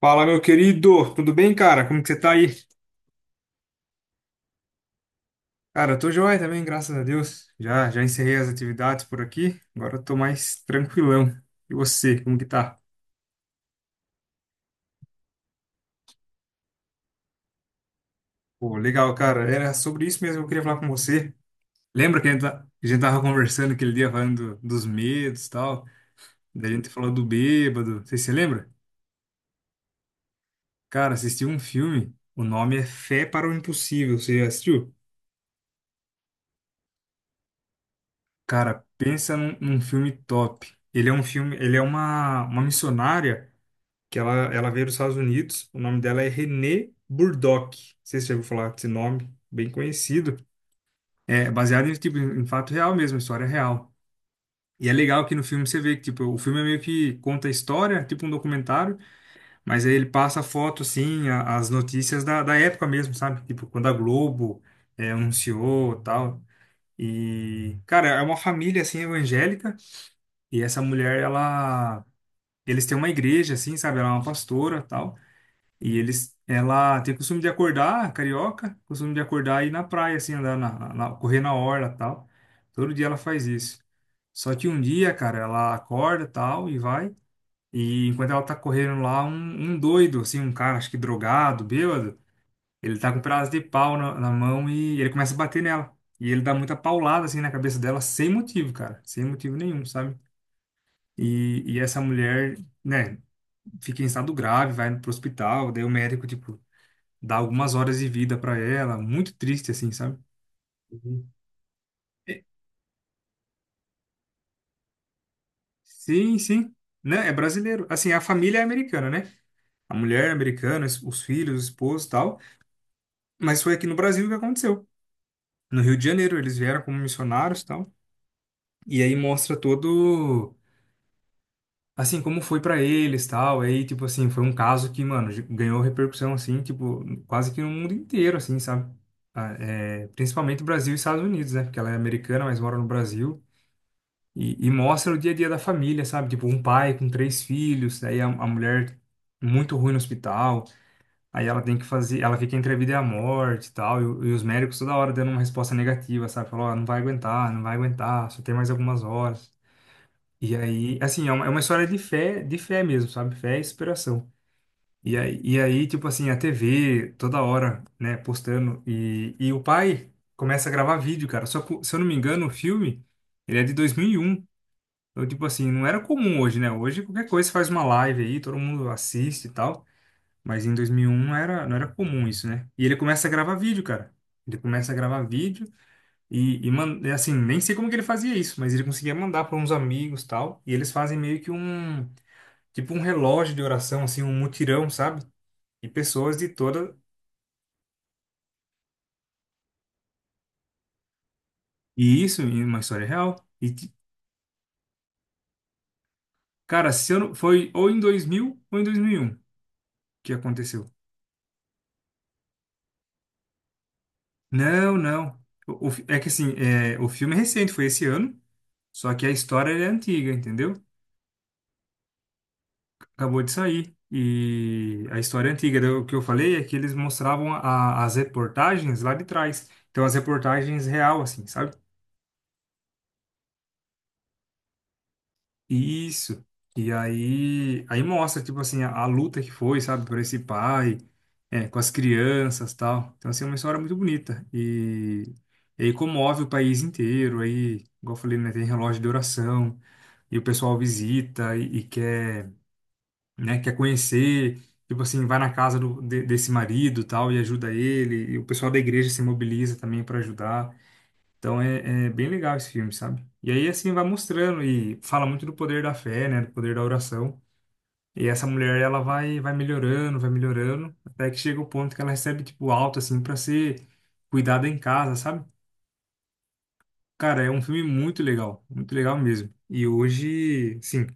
Fala, meu querido, tudo bem, cara? Como que você tá aí? Cara, eu tô joia também, graças a Deus. Já encerrei as atividades por aqui, agora eu tô mais tranquilão. E você, como que tá? Pô, legal, cara. Era sobre isso mesmo que eu queria falar com você. Lembra que a gente tava conversando aquele dia falando dos medos e tal? Daí a gente falou do bêbado. Você se lembra? Cara, assisti um filme, o nome é Fé para o Impossível. Você já assistiu? Cara, pensa num filme top. Ele é um filme, ele é uma missionária que ela veio dos Estados Unidos. O nome dela é Renée Burdock. Não sei se você já ouviu falar desse nome, bem conhecido. É baseado em, tipo, em fato real mesmo, história real. E é legal que no filme você vê que tipo, o filme é meio que conta a história, tipo um documentário, mas aí ele passa a foto, assim, as notícias da época mesmo, sabe? Tipo, quando a Globo é, anunciou e tal. E, cara, é uma família, assim, evangélica, e essa mulher, ela... Eles têm uma igreja, assim, sabe? Ela é uma pastora, e tal. E eles, ela tem costume de acordar, carioca, costume de acordar e ir na praia, assim, andar correr na orla, tal. Todo dia ela faz isso. Só que um dia, cara, ela acorda, tal, e vai. E enquanto ela tá correndo lá, um doido, assim, um cara, acho que drogado, bêbado, ele tá com um pedaço de pau na mão e ele começa a bater nela. E ele dá muita paulada, assim, na cabeça dela, sem motivo, cara, sem motivo nenhum, sabe? E essa mulher, né, fica em estado grave, vai pro hospital, daí o médico, tipo, dá algumas horas de vida para ela, muito triste assim, sabe? Uhum. É, sim, sim. Né? É brasileiro. Assim, a família é americana, né? A mulher é americana, os filhos, o esposo e tal. Mas foi aqui no Brasil que aconteceu. No Rio de Janeiro, eles vieram como missionários e tal. E aí mostra todo, assim, como foi pra eles tal. Aí, tipo assim, foi um caso que, mano, ganhou repercussão, assim, tipo, quase que no mundo inteiro, assim, sabe? Ah, é, principalmente Brasil e Estados Unidos, né? Porque ela é americana, mas mora no Brasil. E mostra o dia a dia da família, sabe? Tipo, um pai com três filhos, aí a mulher muito ruim no hospital, aí ela tem que fazer, ela fica entre a vida e a morte e tal, e, e os médicos toda hora dando uma resposta negativa, sabe? Falou, ó, não vai aguentar, não vai aguentar, só tem mais algumas horas. E aí, assim, é uma história de fé mesmo, sabe? Fé e inspiração. E aí, tipo assim, a TV toda hora, né, postando, e o pai começa a gravar vídeo, cara. Só que, se eu não me engano, o filme, ele é de 2001. Então, tipo assim, não era comum hoje, né? Hoje qualquer coisa você faz uma live aí, todo mundo assiste e tal. Mas em 2001 não era comum isso, né? E ele começa a gravar vídeo, cara. Ele começa a gravar vídeo e, assim, nem sei como que ele fazia isso, mas ele conseguia mandar para uns amigos e tal. E eles fazem meio que um, tipo um relógio de oração, assim, um mutirão, sabe? E pessoas de toda. E isso em uma história real. Cara, se eu não... foi ou em 2000 ou em 2001 que aconteceu. Não, não. É que assim, é, o filme é recente, foi esse ano, só que a história é antiga, entendeu? Acabou de sair. E a história é antiga. Daí o que eu falei é que eles mostravam as reportagens lá de trás. Então, as reportagens real, assim, sabe? Isso. E aí mostra, tipo assim, a luta que foi, sabe? Por esse pai, é, com as crianças tal. Então, assim, é uma história muito bonita. E aí comove o país inteiro. Aí, igual eu falei, né? Tem relógio de oração, e o pessoal visita e quer, né, quer conhecer, tipo assim, vai na casa desse marido tal e ajuda ele, e o pessoal da igreja se mobiliza também para ajudar. Então é bem legal esse filme, sabe? E aí assim vai mostrando e fala muito do poder da fé, né, do poder da oração. E essa mulher ela vai melhorando, vai melhorando, até que chega o ponto que ela recebe tipo alta assim para ser cuidada em casa, sabe? Cara, é um filme muito legal mesmo. E hoje, sim,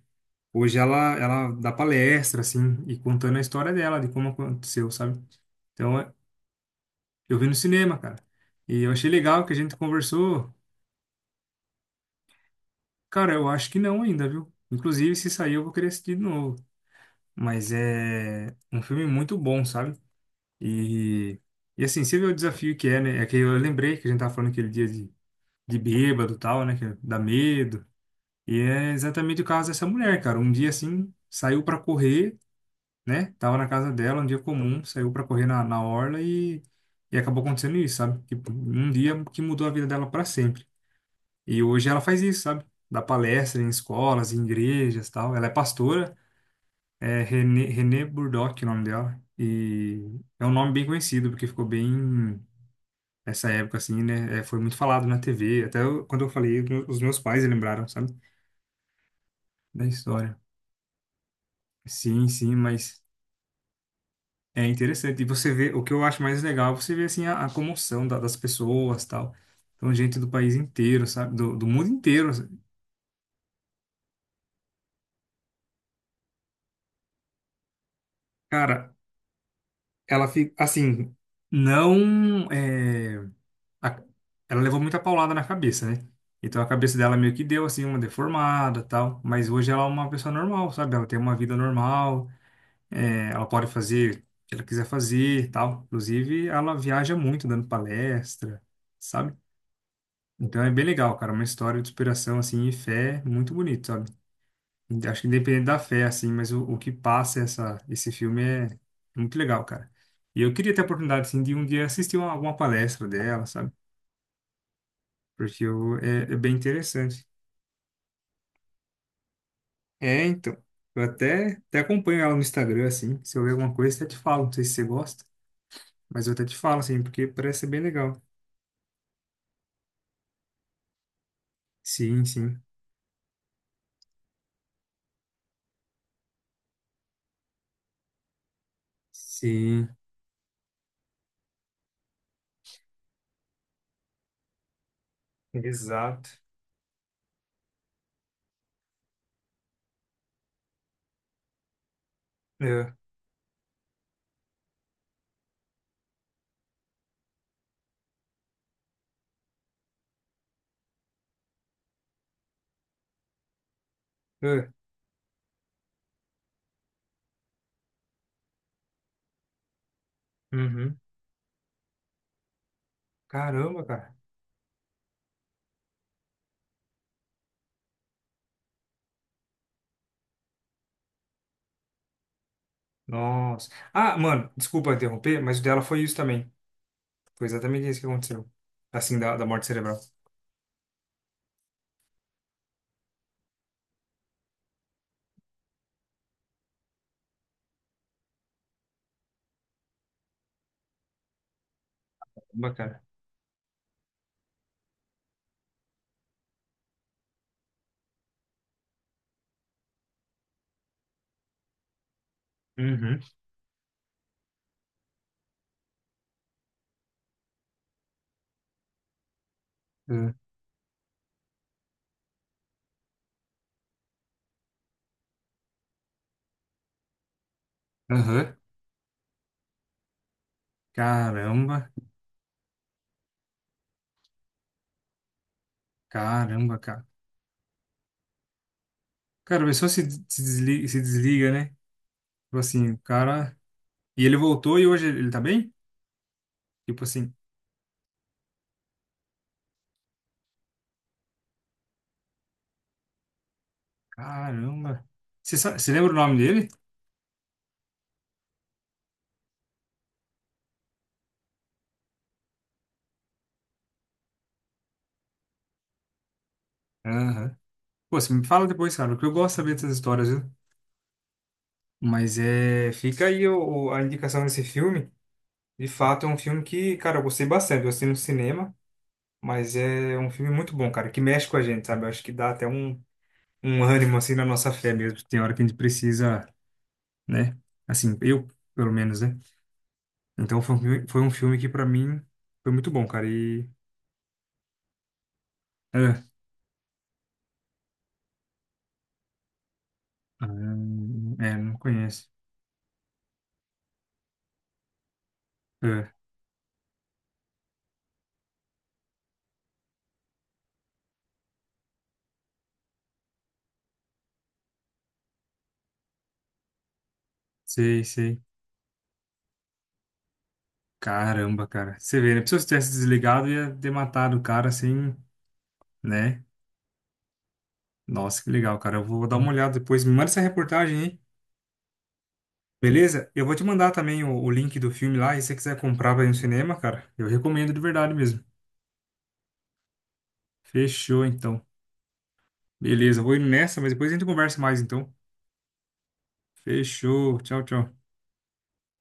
hoje ela dá palestra, assim, e contando a história dela, de como aconteceu, sabe? Então, é- eu vi no cinema, cara. E eu achei legal que a gente conversou. Cara, eu acho que não ainda, viu? Inclusive, se sair, eu vou querer assistir de novo. Mas é um filme muito bom, sabe? E, e assim, você vê o desafio que é, né? É que eu lembrei que a gente tava falando aquele dia de bêbado e tal, né? Que dá medo. E é exatamente o caso dessa mulher, cara. Um dia, assim, saiu pra correr, né? Tava na casa dela, um dia comum, saiu pra correr na orla e acabou acontecendo isso, sabe? Tipo, um dia que mudou a vida dela pra sempre. E hoje ela faz isso, sabe? Dá palestra em escolas, em igrejas, tal. Ela é pastora, é René Burdock, o nome dela. E é um nome bem conhecido, porque ficou bem essa época assim, né? É, foi muito falado na TV. Quando eu falei, os meus pais lembraram, sabe? Da história. Sim, sim, mas é interessante. E você vê, o que eu acho mais legal, você vê assim a comoção das pessoas, tal. Então, gente do país inteiro, sabe? Do mundo inteiro, assim. Cara, ela fica assim, não é, a- ela levou muita paulada na cabeça, né? Então a cabeça dela meio que deu assim uma deformada, tal, mas hoje ela é uma pessoa normal, sabe? Ela tem uma vida normal, é, ela pode fazer o que ela quiser fazer, tal. Inclusive, ela viaja muito dando palestra, sabe? Então é bem legal, cara. Uma história de superação, assim, e fé muito bonito, sabe? Acho que independente da fé, assim, mas o que passa essa, esse filme é muito legal, cara. E eu queria ter a oportunidade, assim, de um dia assistir uma, alguma palestra dela, sabe? Porque eu, é, é bem interessante. É, então. Até acompanho ela no Instagram, assim. Se eu ver alguma coisa, até te falo. Não sei se você gosta, mas eu até te falo, assim, porque parece ser bem legal. Sim, sim. Sim. Exato. É. É. Uhum. Caramba, cara. Nossa. Ah, mano, desculpa interromper, mas o dela foi isso também. Foi exatamente isso que aconteceu. Assim, da morte cerebral. Bacana. Uhum. Uhum. Aham. Caramba. Caramba, cara. Cara, a pessoa se, se desliga, né? Tipo assim, o cara. E ele voltou e hoje ele tá bem? Tipo assim, caramba. Você lembra o nome dele? Aham. Pô, você me fala depois, cara, porque eu gosto de saber dessas histórias, viu? Mas é. Fica aí a indicação desse filme. De fato, é um filme que, cara, eu gostei bastante. Eu assisti no cinema, mas é um filme muito bom, cara, que mexe com a gente, sabe? Eu acho que dá até um, um ânimo, assim, na nossa fé mesmo. Tem hora que a gente precisa, né? Assim, eu, pelo menos, né? Então, foi um filme que, pra mim, foi muito bom, cara. E. É, ah, é, não conheço. É, sei, sei. Caramba, cara. Você vê, né? Se eu tivesse desligado, ia ter matado o cara, assim, né? Nossa, que legal, cara. Eu vou dar uma olhada depois. Me manda essa reportagem, hein? Beleza? Eu vou te mandar também o link do filme lá, e se você quiser comprar pra ir no cinema, cara, eu recomendo de verdade mesmo. Fechou, então. Beleza, eu vou indo nessa, mas depois a gente conversa mais, então. Fechou, tchau, tchau.